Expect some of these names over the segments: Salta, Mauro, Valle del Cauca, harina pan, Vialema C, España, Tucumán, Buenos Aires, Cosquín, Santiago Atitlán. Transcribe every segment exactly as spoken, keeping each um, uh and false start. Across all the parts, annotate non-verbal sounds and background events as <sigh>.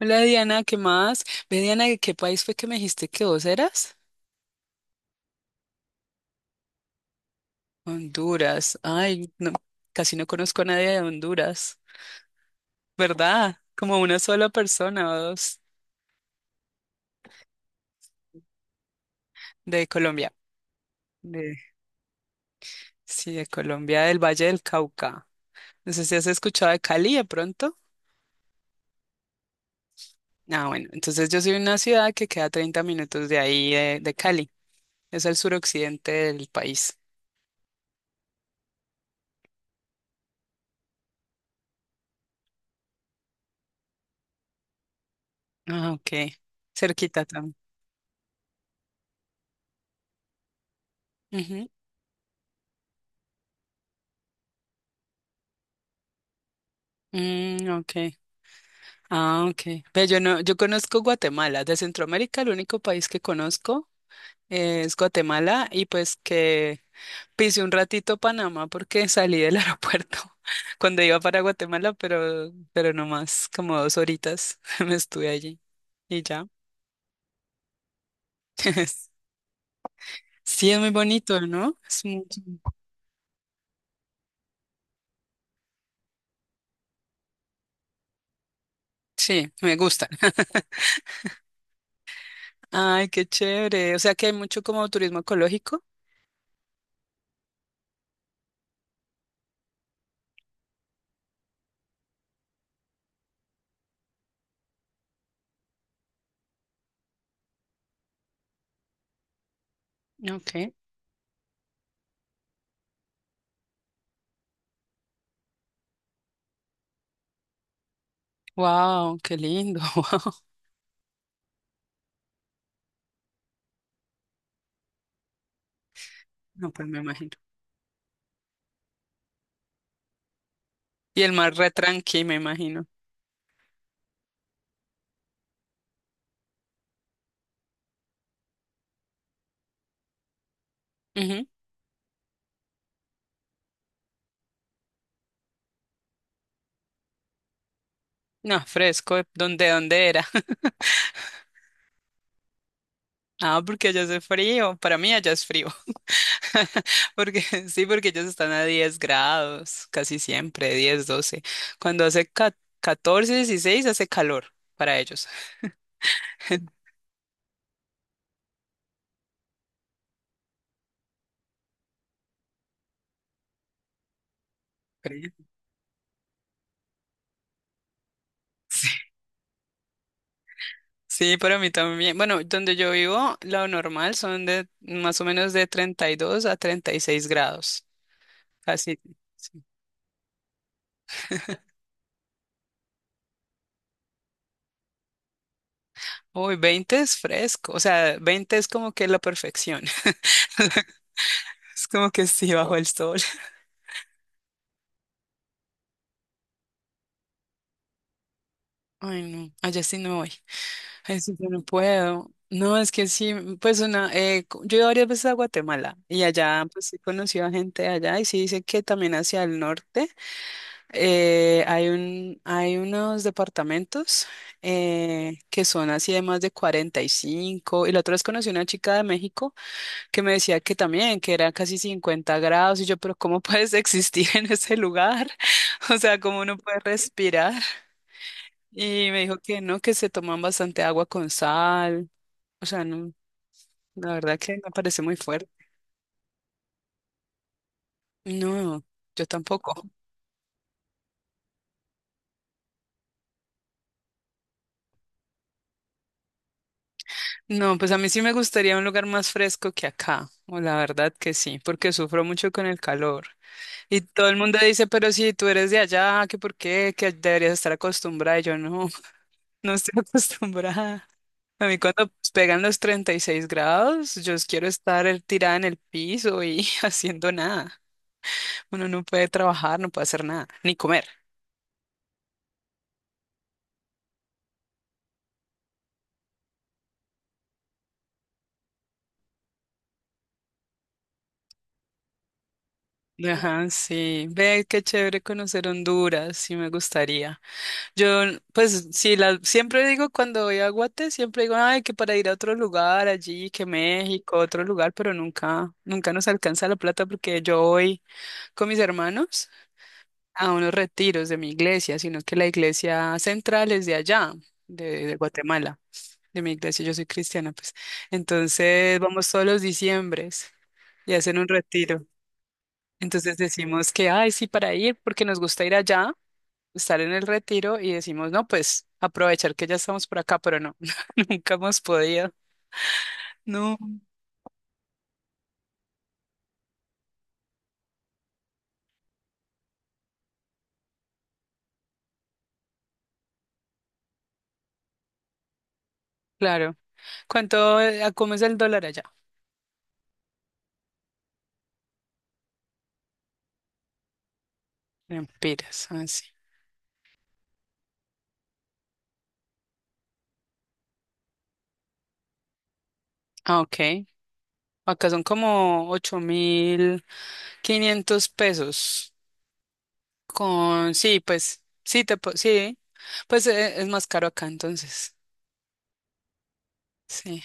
Hola Diana, ¿qué más? Ve Diana, ¿de qué país fue que me dijiste que vos eras? Honduras. Ay, no, casi no conozco a nadie de Honduras, ¿verdad? Como una sola persona o dos de Colombia. De, sí, de Colombia, del Valle del Cauca. No sé si has escuchado de Cali de pronto. Ah, bueno, entonces yo soy de una ciudad que queda treinta minutos de ahí, de, de Cali. Es el suroccidente del país. Ah, ok. Cerquita también. Ujú. Mm, ok. Ah, ok. Ve, yo no, yo conozco Guatemala. De Centroamérica, el único país que conozco es Guatemala y pues que pisé un ratito Panamá porque salí del <laughs> aeropuerto cuando iba para Guatemala, pero, pero no más, como dos horitas <laughs> me estuve allí y ya. <laughs> Sí, es muy bonito, ¿no? Es muy- Sí, me gusta. <laughs> Ay, qué chévere. O sea que hay mucho como turismo ecológico. Ok. Wow, qué lindo. <laughs> Wow. No, pues me imagino. Y el mar re tranqui, me imagino. Ujú. No, fresco, ¿de ¿dónde, dónde era? <laughs> Ah, porque allá hace frío. Para mí allá es frío. <laughs> Porque sí, porque ellos están a diez grados, casi siempre, diez, doce. Cuando hace ca- catorce, dieciséis, hace calor para ellos. <laughs> Frío. Sí, sí, para mí también. Bueno, donde yo vivo, lo normal son de más o menos de treinta y dos a treinta y seis grados. Casi. Sí. Uy, veinte es fresco. O sea, veinte es como que la perfección. <laughs> Es como que sí, bajo el sol. <laughs> Ay, no, allá sí no voy. Ay, sí, yo no puedo. No, es que sí, pues una, eh, co- yo he ido varias veces a Guatemala y allá pues he conocido a gente de allá y sí dice que también hacia el norte eh, hay un, hay unos departamentos eh, que son así de más de cuarenta y cinco y la otra vez conocí a una chica de México que me decía que también, que era casi cincuenta grados y yo, pero ¿cómo <laughs> puedes existir en ese lugar? <laughs> O sea, ¿cómo uno puede respirar? Y me dijo que no, que se toman bastante agua con sal. O sea, no, la verdad que me parece muy fuerte. No, yo tampoco. No, pues a mí sí me gustaría un lugar más fresco que acá. O la verdad que sí, porque sufro mucho con el calor. Y todo el mundo dice, pero si tú eres de allá, que por qué, que deberías estar acostumbrada. Y yo no, <laughs> no estoy acostumbrada. A mí cuando pegan los treinta y seis grados, yo quiero estar eh, tirada en el piso y <laughs> haciendo nada. Uno no puede trabajar, no puede hacer nada, ni comer. Ajá, sí. Ve, qué chévere conocer Honduras, sí me gustaría. Yo, pues, sí, la, siempre digo cuando voy a Guate, siempre digo, ay, que para ir a otro lugar allí, que México, otro lugar, pero nunca, nunca nos alcanza la plata porque yo voy con mis hermanos a unos retiros de mi iglesia, sino que la iglesia central es de allá, de, de Guatemala, de mi iglesia, yo soy cristiana, pues. Entonces, vamos todos los diciembres y hacen un retiro. Entonces decimos que, ay, sí, para ir, porque nos gusta ir allá, estar en el retiro y decimos, no, pues aprovechar que ya estamos por acá, pero no, <laughs> nunca hemos podido. No, claro. ¿Cuánto, eh, cómo es el dólar allá? Empiras, así. Ah, ok. Acá son como ocho mil quinientos pesos. Con, sí, pues, sí, te, po- sí. Pues eh, es más caro acá entonces. Sí.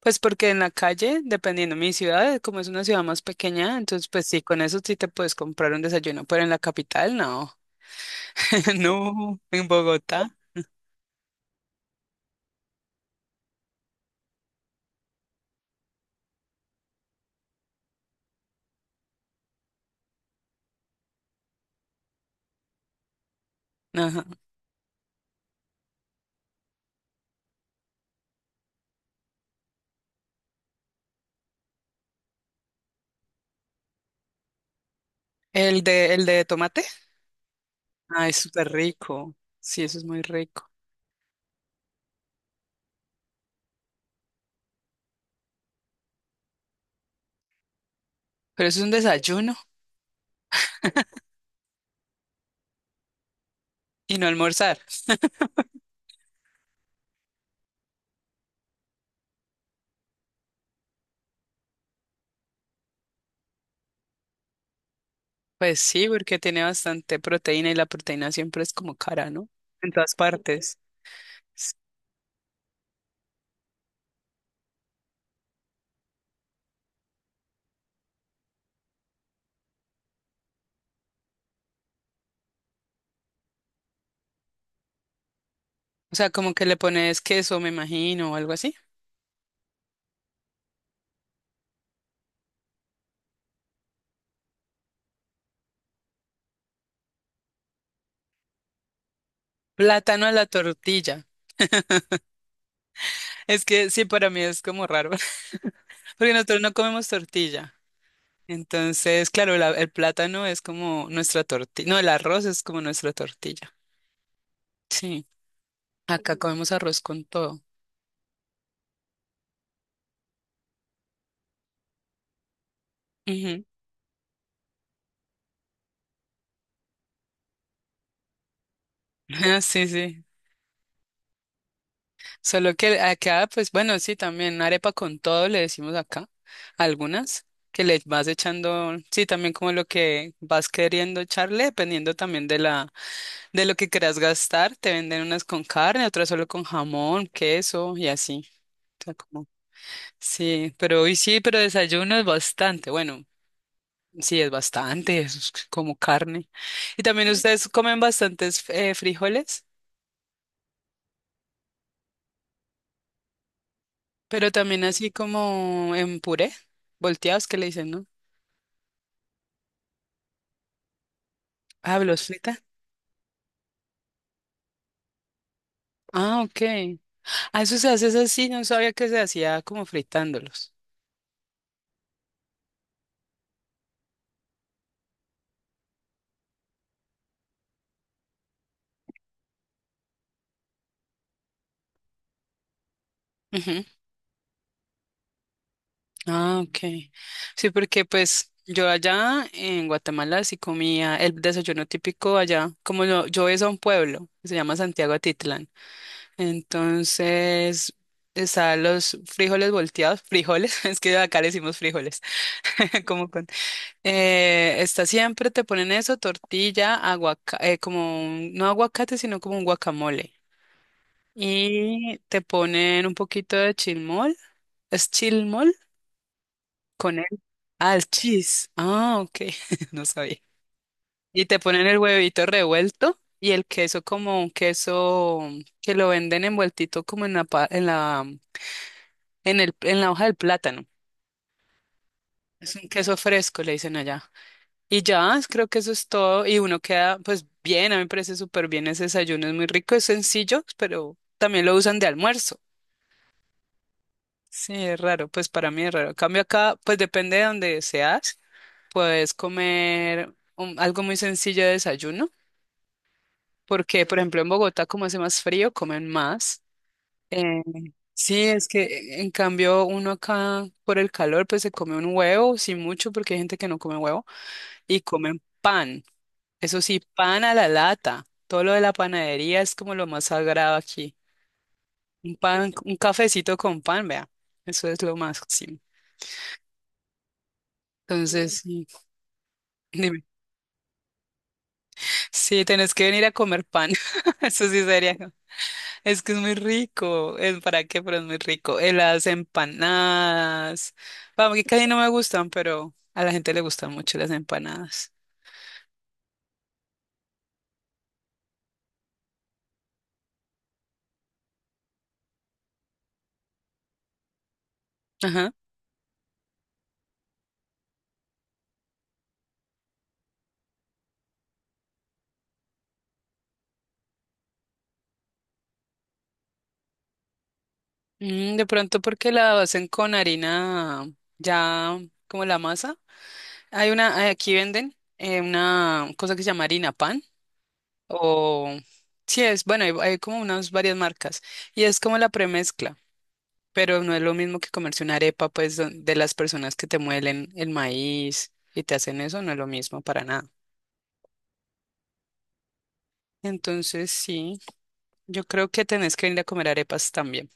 Pues porque en la calle, dependiendo de mi ciudad, eh, como es una ciudad más pequeña, entonces pues sí, con eso sí te puedes comprar un desayuno, pero en la capital no. <laughs> No, en Bogotá. Ajá. El de, el de tomate. Ah, es súper rico. Sí, eso es muy rico. Pero eso es un desayuno y no almorzar. Pues sí, porque tiene bastante proteína y la proteína siempre es como cara, ¿no? En todas partes. O sea, como que le pones queso, me imagino, o algo así. Plátano a la tortilla. Es que sí, para mí es como raro, <laughs> porque nosotros no comemos tortilla. Entonces, claro, la- el plátano es como nuestra tortilla. No, el arroz es como nuestra tortilla. Sí, acá comemos arroz con todo. Ujú. <laughs> Ah, sí, sí. Solo que acá, pues bueno, sí, también arepa con todo le decimos acá, algunas, que le vas echando, sí, también como lo que vas queriendo echarle, dependiendo también de la, de lo que quieras gastar, te venden unas con carne, otras solo con jamón, queso y así. O sea, como, sí, pero hoy sí, pero desayuno es bastante, bueno, sí, es bastante, es como carne. Y también ustedes comen bastantes eh, frijoles, pero también así como en puré, volteados que le dicen, ¿no? Ah, ¿los frita? Ah, ok. Ah, eso se hace es así, sí, no sabía que se hacía como fritándolos. Ujú. Ah, ok. Sí, porque pues yo allá en Guatemala sí comía el desayuno típico allá, como yo, yo es a un pueblo, que se llama Santiago Atitlán. Entonces, están los frijoles volteados, frijoles, <laughs> es que acá le decimos frijoles, <laughs> como con eh, está siempre, te ponen eso, tortilla, aguacate, como un- no aguacate, sino como un guacamole. Y te ponen un poquito de chilmol. ¿Es chilmol? Con el... Ah, el cheese. Ah, ok. <laughs> No sabía. Y te ponen el huevito revuelto y el queso como un queso que lo venden envueltito como en la, pa- en la, en el, en la hoja del plátano. Es un queso fresco, le dicen allá. Y ya, es- creo que eso es todo. Y uno queda, pues bien, a mí me parece súper bien ese desayuno. Es muy rico, es sencillo, pero también lo usan de almuerzo. Sí, es raro, pues para mí es raro. En cambio acá, pues depende de donde seas, puedes comer un- algo muy sencillo de desayuno, porque por ejemplo en Bogotá como hace más frío, comen más. Eh, sí, es que en cambio uno acá por el calor pues se come un huevo, sí mucho, porque hay gente que no come huevo, y comen pan. Eso sí, pan a la lata. Todo lo de la panadería es como lo más sagrado aquí. Un pan, un cafecito con pan, vea, eso es lo máximo. Mm. Entonces, sí. Dime. Sí, tenés que venir a comer pan. <laughs> Eso sí sería. ¿No? Es que es muy rico. ¿Es para qué? Pero es muy rico. Eh, Las empanadas. Vamos, que casi no me gustan, pero a la gente le gustan mucho las empanadas. Ajá. Mm, de pronto porque la hacen con harina ya como la masa. Hay una, aquí venden eh, una cosa que se llama harina pan. O sí es, bueno, hay, hay como unas varias marcas. Y es como la premezcla. Pero no es lo mismo que comerse una arepa, pues, don- de las personas que te muelen el maíz y te hacen eso, no es lo mismo para nada. Entonces, sí, yo creo que tenés que ir a comer arepas también.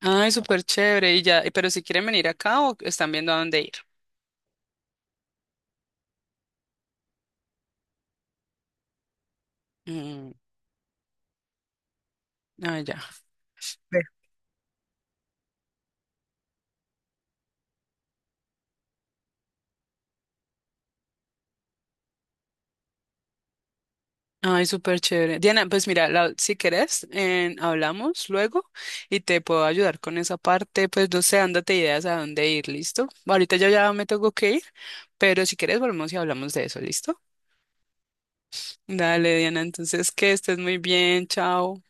Ay, súper chévere. Y ya, pero si quieren venir acá o están viendo a dónde ir. Mm, ah, ya. Ve. Ay, súper chévere. Diana, pues mira, la- si querés, eh, hablamos luego y te puedo ayudar con esa parte. Pues no sé, ándate ideas a dónde ir, ¿listo? Ahorita yo ya me tengo que ir, pero si quieres volvemos y hablamos de eso, ¿listo? Dale, Diana, entonces que estés muy bien, chao.